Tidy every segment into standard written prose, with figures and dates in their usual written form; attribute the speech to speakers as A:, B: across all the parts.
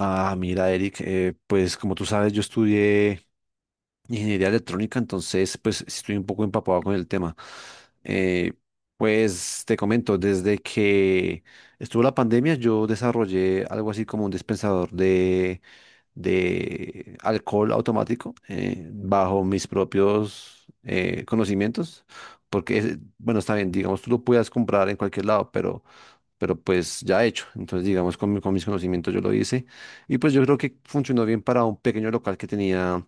A: Ah, mira, Eric, pues como tú sabes, yo estudié ingeniería electrónica, entonces pues estoy un poco empapado con el tema. Eh, pues te comento, desde que estuvo la pandemia, yo desarrollé algo así como un dispensador de, alcohol automático, bajo mis propios conocimientos, porque, bueno, está bien, digamos, tú lo puedas comprar en cualquier lado, pero pues ya hecho. Entonces, digamos, con mis conocimientos yo lo hice. Y pues yo creo que funcionó bien para un pequeño local que tenía,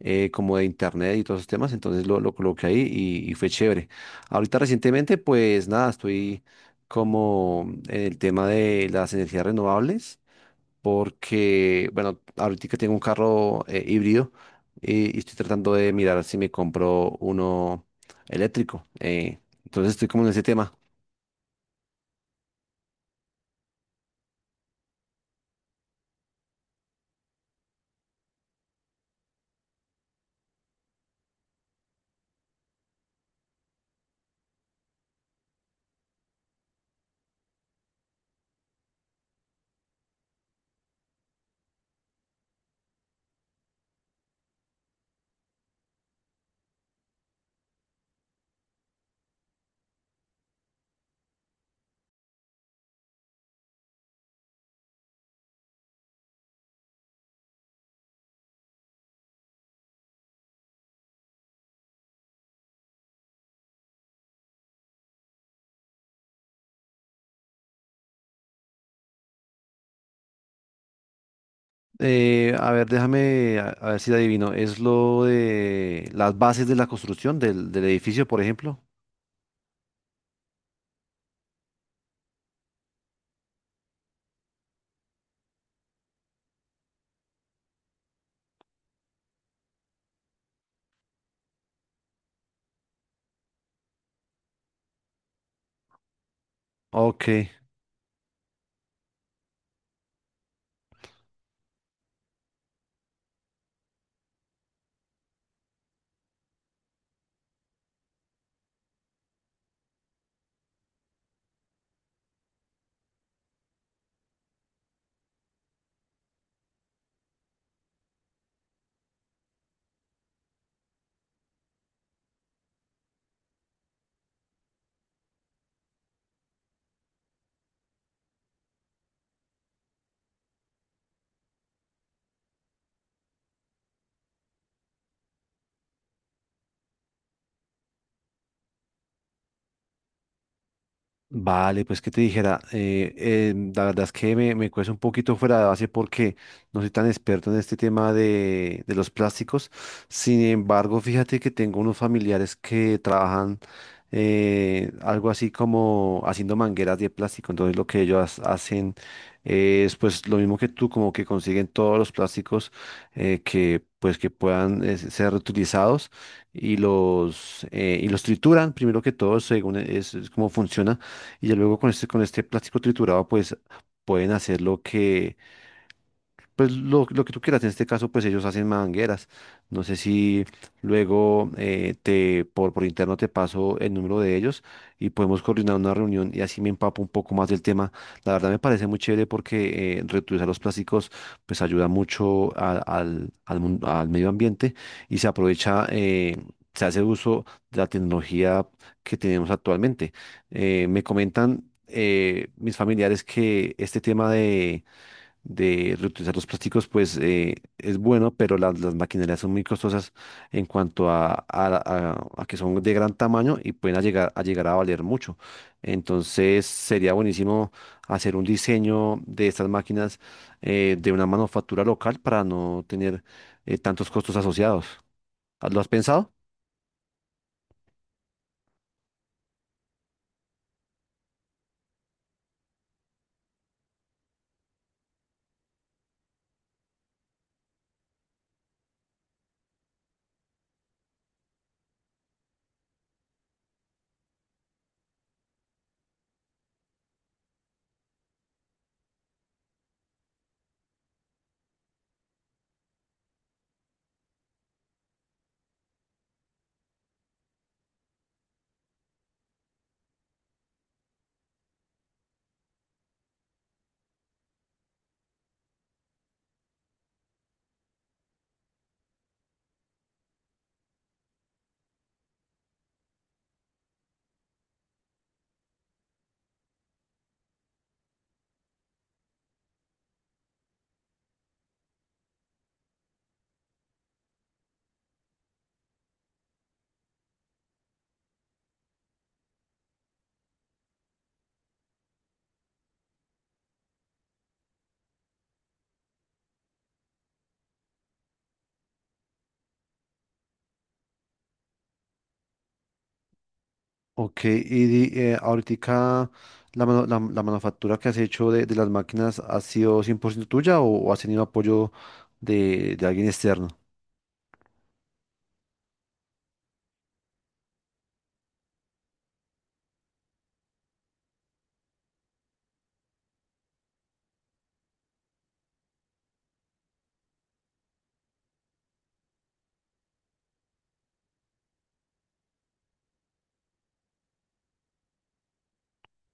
A: como de internet y todos esos temas. Entonces lo coloqué ahí, y fue chévere. Ahorita recientemente, pues nada, estoy como en el tema de las energías renovables porque, bueno, ahorita tengo un carro híbrido, y estoy tratando de mirar si me compro uno eléctrico. Entonces estoy como en ese tema. A ver, déjame, a ver si la adivino. ¿Es lo de las bases de la construcción del edificio, por ejemplo? Ok. Vale, pues que te dijera, la verdad es que me cuesta un poquito fuera de base porque no soy tan experto en este tema de los plásticos. Sin embargo, fíjate que tengo unos familiares que trabajan, algo así como haciendo mangueras de plástico. Entonces lo que ellos hacen es pues lo mismo que tú, como que consiguen todos los plásticos, que pues que puedan, ser reutilizados y los trituran, primero que todo, según es como funciona, y ya luego con este plástico triturado pues pueden hacer pues lo que tú quieras. En este caso, pues ellos hacen mangueras. No sé si luego, te por interno te paso el número de ellos y podemos coordinar una reunión, y así me empapo un poco más del tema. La verdad me parece muy chévere porque, reutilizar los plásticos pues ayuda mucho al medio ambiente, y se aprovecha, se hace uso de la tecnología que tenemos actualmente. Me comentan, mis familiares, que este tema de reutilizar los plásticos, pues es bueno, pero las maquinarias son muy costosas en cuanto a que son de gran tamaño y pueden a llegar a valer mucho. Entonces sería buenísimo hacer un diseño de estas máquinas, de una manufactura local para no tener, tantos costos asociados. ¿Lo has pensado? Ok, ¿y ahoritica la manufactura que has hecho de las máquinas ha sido 100% tuya o has tenido apoyo de alguien externo?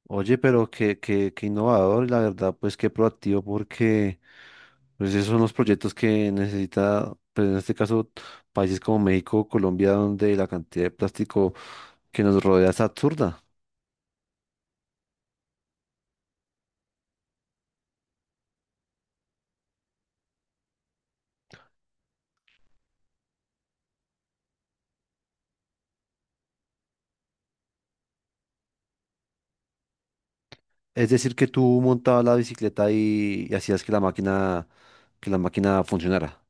A: Oye, pero qué innovador, y la verdad, pues qué proactivo, porque pues esos son los proyectos que necesita, pues en este caso, países como México o Colombia, donde la cantidad de plástico que nos rodea es absurda. Es decir, que tú montabas la bicicleta y hacías que la máquina funcionara.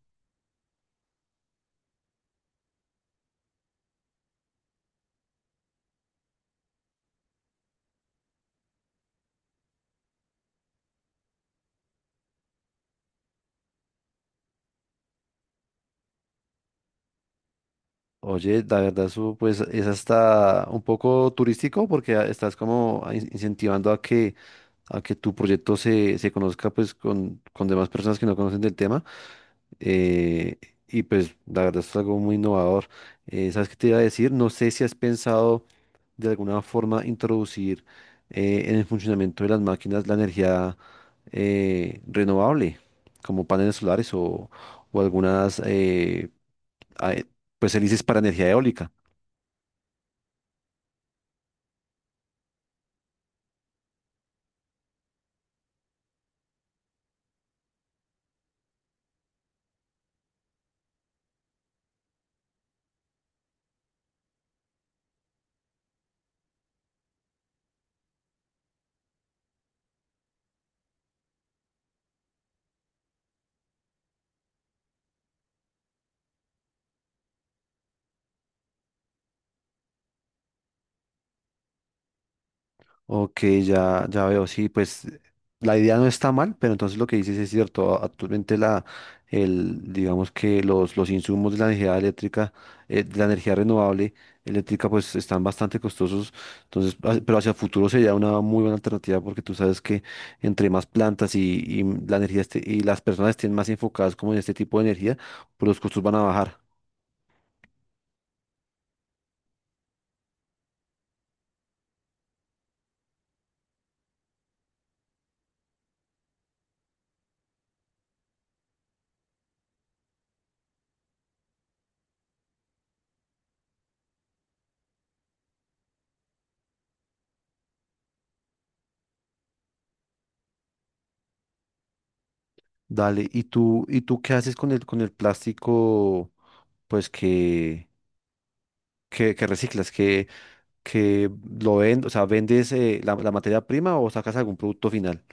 A: Oye, la verdad, eso pues es hasta un poco turístico porque estás como incentivando a que tu proyecto se conozca pues con demás personas que no conocen del tema. eh, y pues la verdad es algo muy innovador. ¿Sabes qué te iba a decir? No sé si has pensado de alguna forma introducir, en el funcionamiento de las máquinas, la energía, renovable, como paneles solares, o algunas, ah, eh, pues hélices para energía eólica. Ok, ya, ya veo, sí, pues la idea no está mal, pero entonces lo que dices es cierto. Actualmente digamos que los insumos de la energía eléctrica, de la energía renovable eléctrica, pues están bastante costosos. Entonces, ah, pero hacia el futuro sería una muy buena alternativa porque tú sabes que entre más plantas, y y las personas estén más enfocadas como en este tipo de energía, pues los costos van a bajar. Dale, ¿y tú qué haces con el plástico, pues que, que reciclas, que, que lo vendes? O sea, vendes, la materia prima, o sacas algún producto final?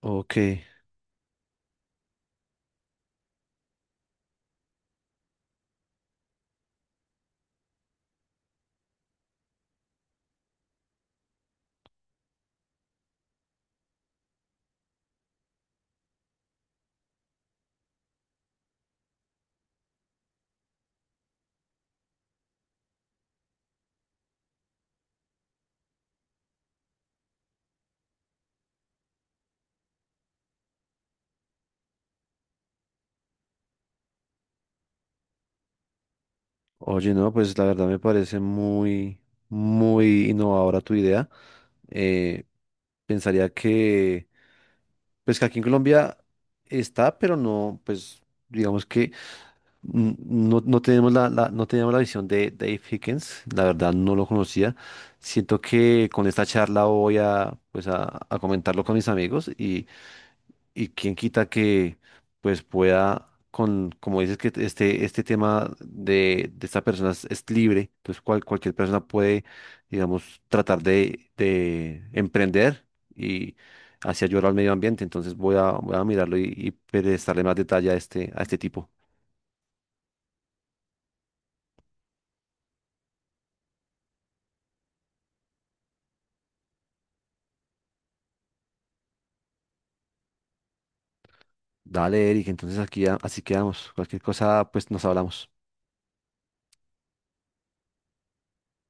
A: Ok, oye, no, pues la verdad me parece muy, muy innovadora tu idea. Eh, Pensaría que, pues que aquí en Colombia está, pero no, pues digamos. Mm, No, no teníamos la visión de Dave Hickens, la verdad no lo conocía. Siento que con esta charla voy a, pues a comentarlo con mis amigos, y quién quita que pues pueda, como dices que este tema de esta persona es libre, entonces cualquier persona puede, digamos, tratar de emprender, y así ayudar al medio ambiente. Entonces voy a mirarlo, y prestarle más detalle a este tipo. Dale, Eric, entonces aquí así quedamos. Cualquier cosa, pues nos hablamos.